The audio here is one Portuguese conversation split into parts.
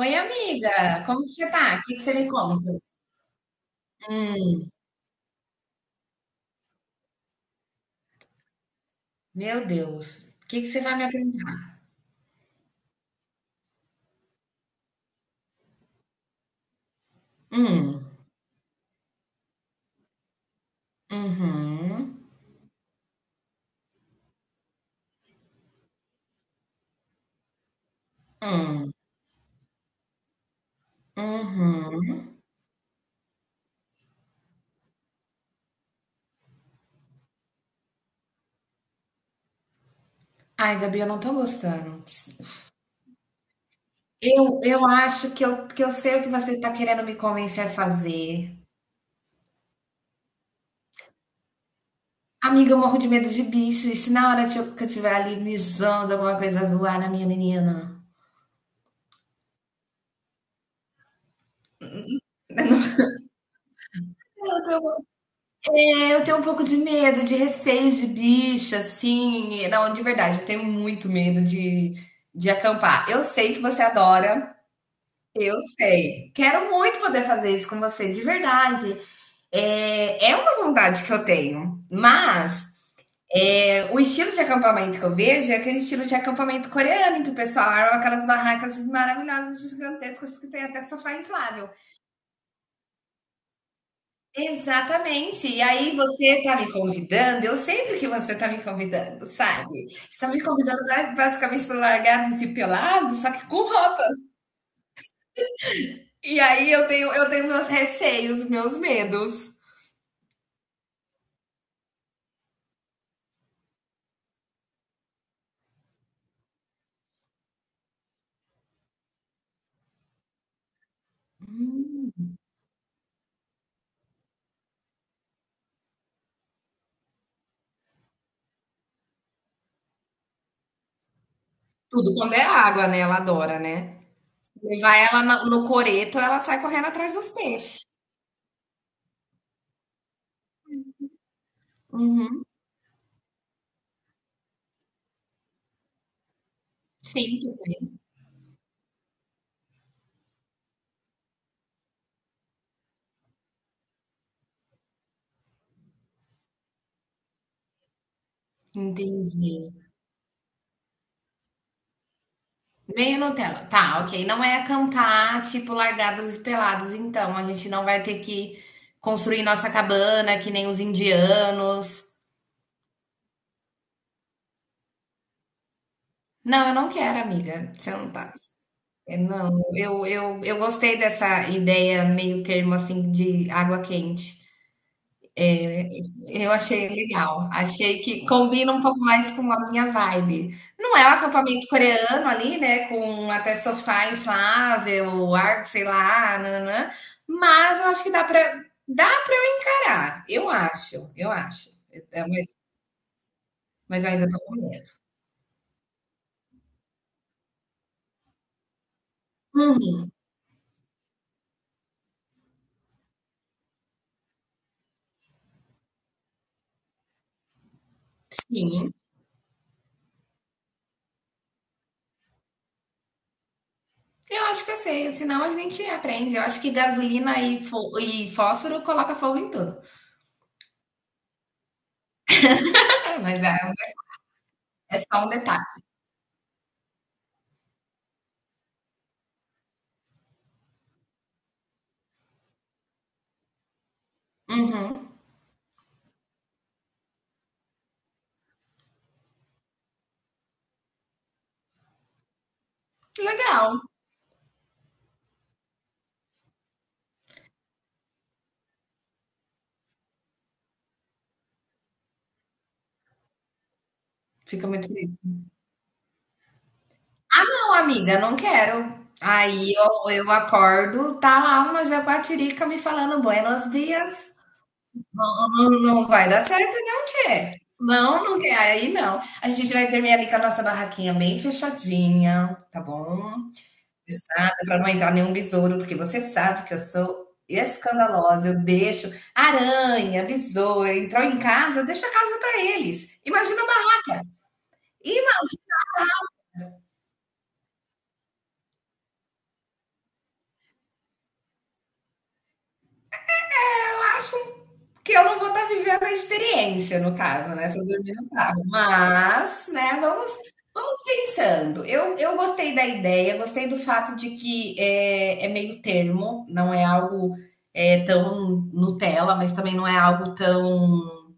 Oi, amiga, como que você tá? O que que você me conta? Hum, meu Deus, o que que você vai me apresentar? Hum, uhum, hum, uhum. Ai, Gabi, eu não tô gostando. Eu acho que eu sei o que você tá querendo me convencer a fazer. Amiga, eu morro de medo de bicho, e se na hora que eu estiver ali me zoando alguma coisa voar na minha menina? É, eu tenho um pouco de medo, de receio de bicho, assim. Não, de verdade, eu tenho muito medo de acampar. Eu sei que você adora, eu sei. Quero muito poder fazer isso com você, de verdade. É, é uma vontade que eu tenho, mas é, o estilo de acampamento que eu vejo é aquele estilo de acampamento coreano, em que o pessoal arma aquelas barracas maravilhosas, gigantescas, que tem até sofá inflável. Exatamente. E aí você está me convidando, eu sempre que você está me convidando, sabe? Você está me convidando basicamente para largados e pelados, só que com roupa. E aí eu tenho meus receios, meus medos. Hum. Tudo quando é água, né? Ela adora, né? Levar ela no coreto, ela sai correndo atrás dos peixes. Uhum. Sempre. Entendi. Meio Nutella. Tá, ok. Não é cantar, tipo, largados e pelados, então. A gente não vai ter que construir nossa cabana, que nem os indianos. Não, eu não quero, amiga. Você não tá. é, Não, eu gostei dessa ideia meio termo, assim, de água quente. Eu achei legal. Achei que combina um pouco mais com a minha vibe. Não é um acampamento coreano ali, né? Com até sofá inflável, ar, sei lá, nananã. Mas eu acho que dá para parar. Eu acho. É, mas eu ainda tô com medo. Uhum, sim. Eu acho que eu sei, senão a gente aprende. Eu acho que gasolina e, e fósforo coloca fogo em tudo. mas é, é só um detalhe. Uhum. Legal. Fica muito Não, amiga, não quero. Eu acordo, tá lá uma japatirica me falando buenos dias. Não, não vai dar certo, não, tchê. Não, não quer. Aí não. A gente vai dormir ali com a nossa barraquinha bem fechadinha, tá bom? Fechada, pra não entrar nenhum besouro, porque você sabe que eu sou escandalosa. Eu deixo aranha, besouro, entrou em casa, eu deixo a casa pra eles. Imagina a barraca. E eu acho um Porque eu não vou estar vivendo a experiência, no caso, né? Se eu dormir no carro. Mas, né, vamos, vamos pensando. Eu gostei da ideia, gostei do fato de que é, é meio termo, não é algo é, tão Nutella, mas também não é algo tão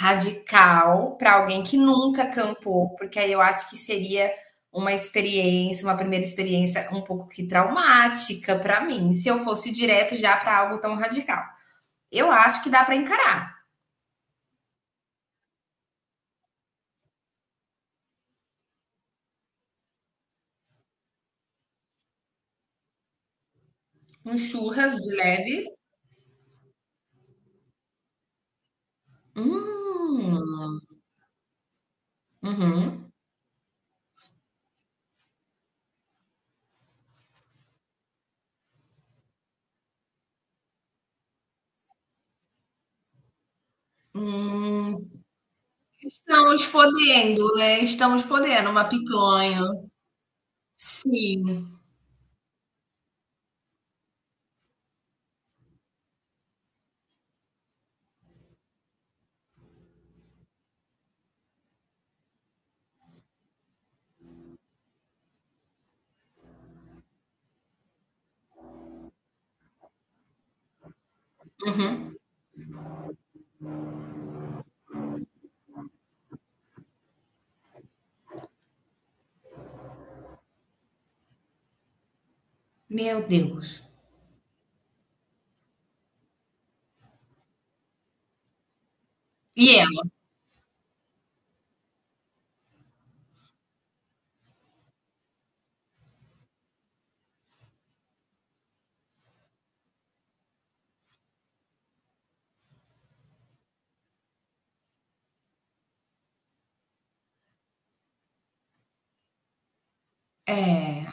radical para alguém que nunca campou, porque aí eu acho que seria uma experiência, uma primeira experiência um pouco que traumática para mim, se eu fosse direto já para algo tão radical. Eu acho que dá para encarar. Um churras de leve. Hum, uhum. Hum, estamos podendo, né? Estamos podendo uma picanha. Sim. Uhum. Meu Deus. E ela? É.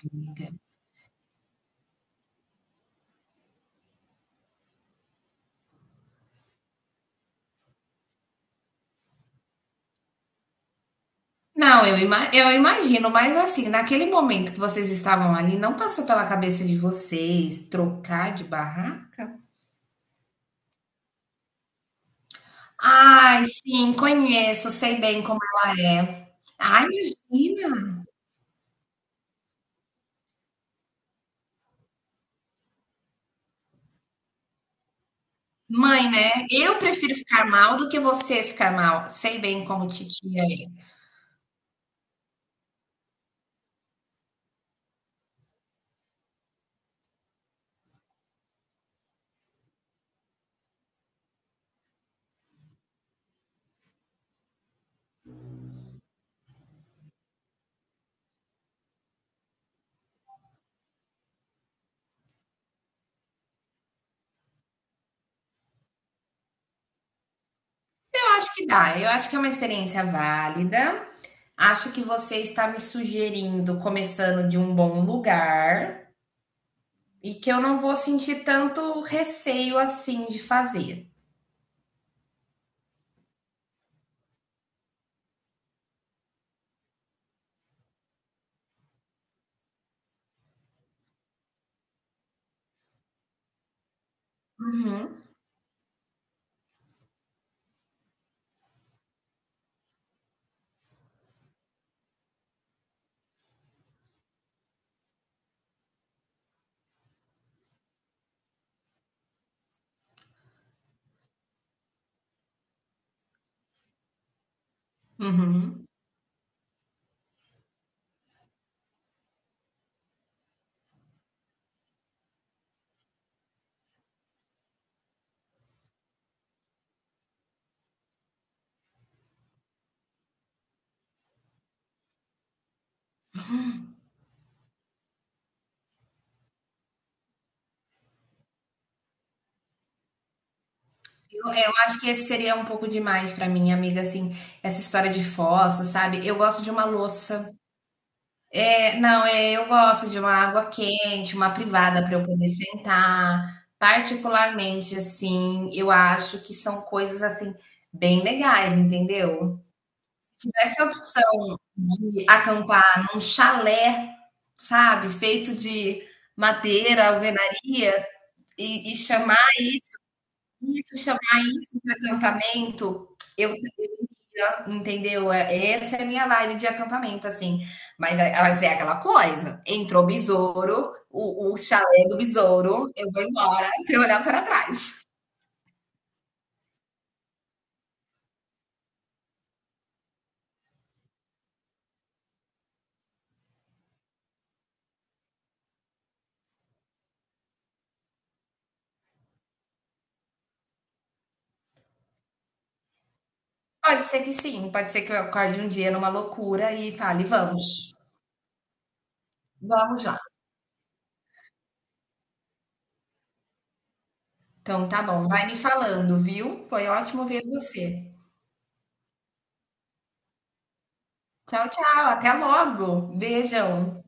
Não, eu, eu imagino, mas assim, naquele momento que vocês estavam ali, não passou pela cabeça de vocês trocar de barraca? Ai, sim, conheço, sei bem como ela é. Ai, imagina. Mãe, né? Eu prefiro ficar mal do que você ficar mal. Sei bem como titia é. Eu acho que dá. Eu acho que é uma experiência válida. Acho que você está me sugerindo começando de um bom lugar e que eu não vou sentir tanto receio assim de fazer. Uhum, uhum. Eu acho que esse seria um pouco demais para mim, amiga, assim, essa história de fossa, sabe? Eu gosto de uma louça É, não, é, eu gosto de uma água quente, uma privada para eu poder sentar. Particularmente, assim, eu acho que são coisas assim bem legais, entendeu? Se tivesse a opção de acampar num chalé, sabe, feito de madeira, alvenaria e chamar isso de acampamento, eu Entendeu? É- Essa é a minha vibe de acampamento, assim. Mas é- elas é aquela coisa. Entrou besouro, o chalé do besouro, eu vou embora sem olhar para trás. Pode ser que sim, pode ser que eu acorde um dia numa loucura e fale, vamos, vamos lá. Então tá bom, vai me falando, viu? Foi ótimo ver você. Tchau, tchau, até logo. Beijão.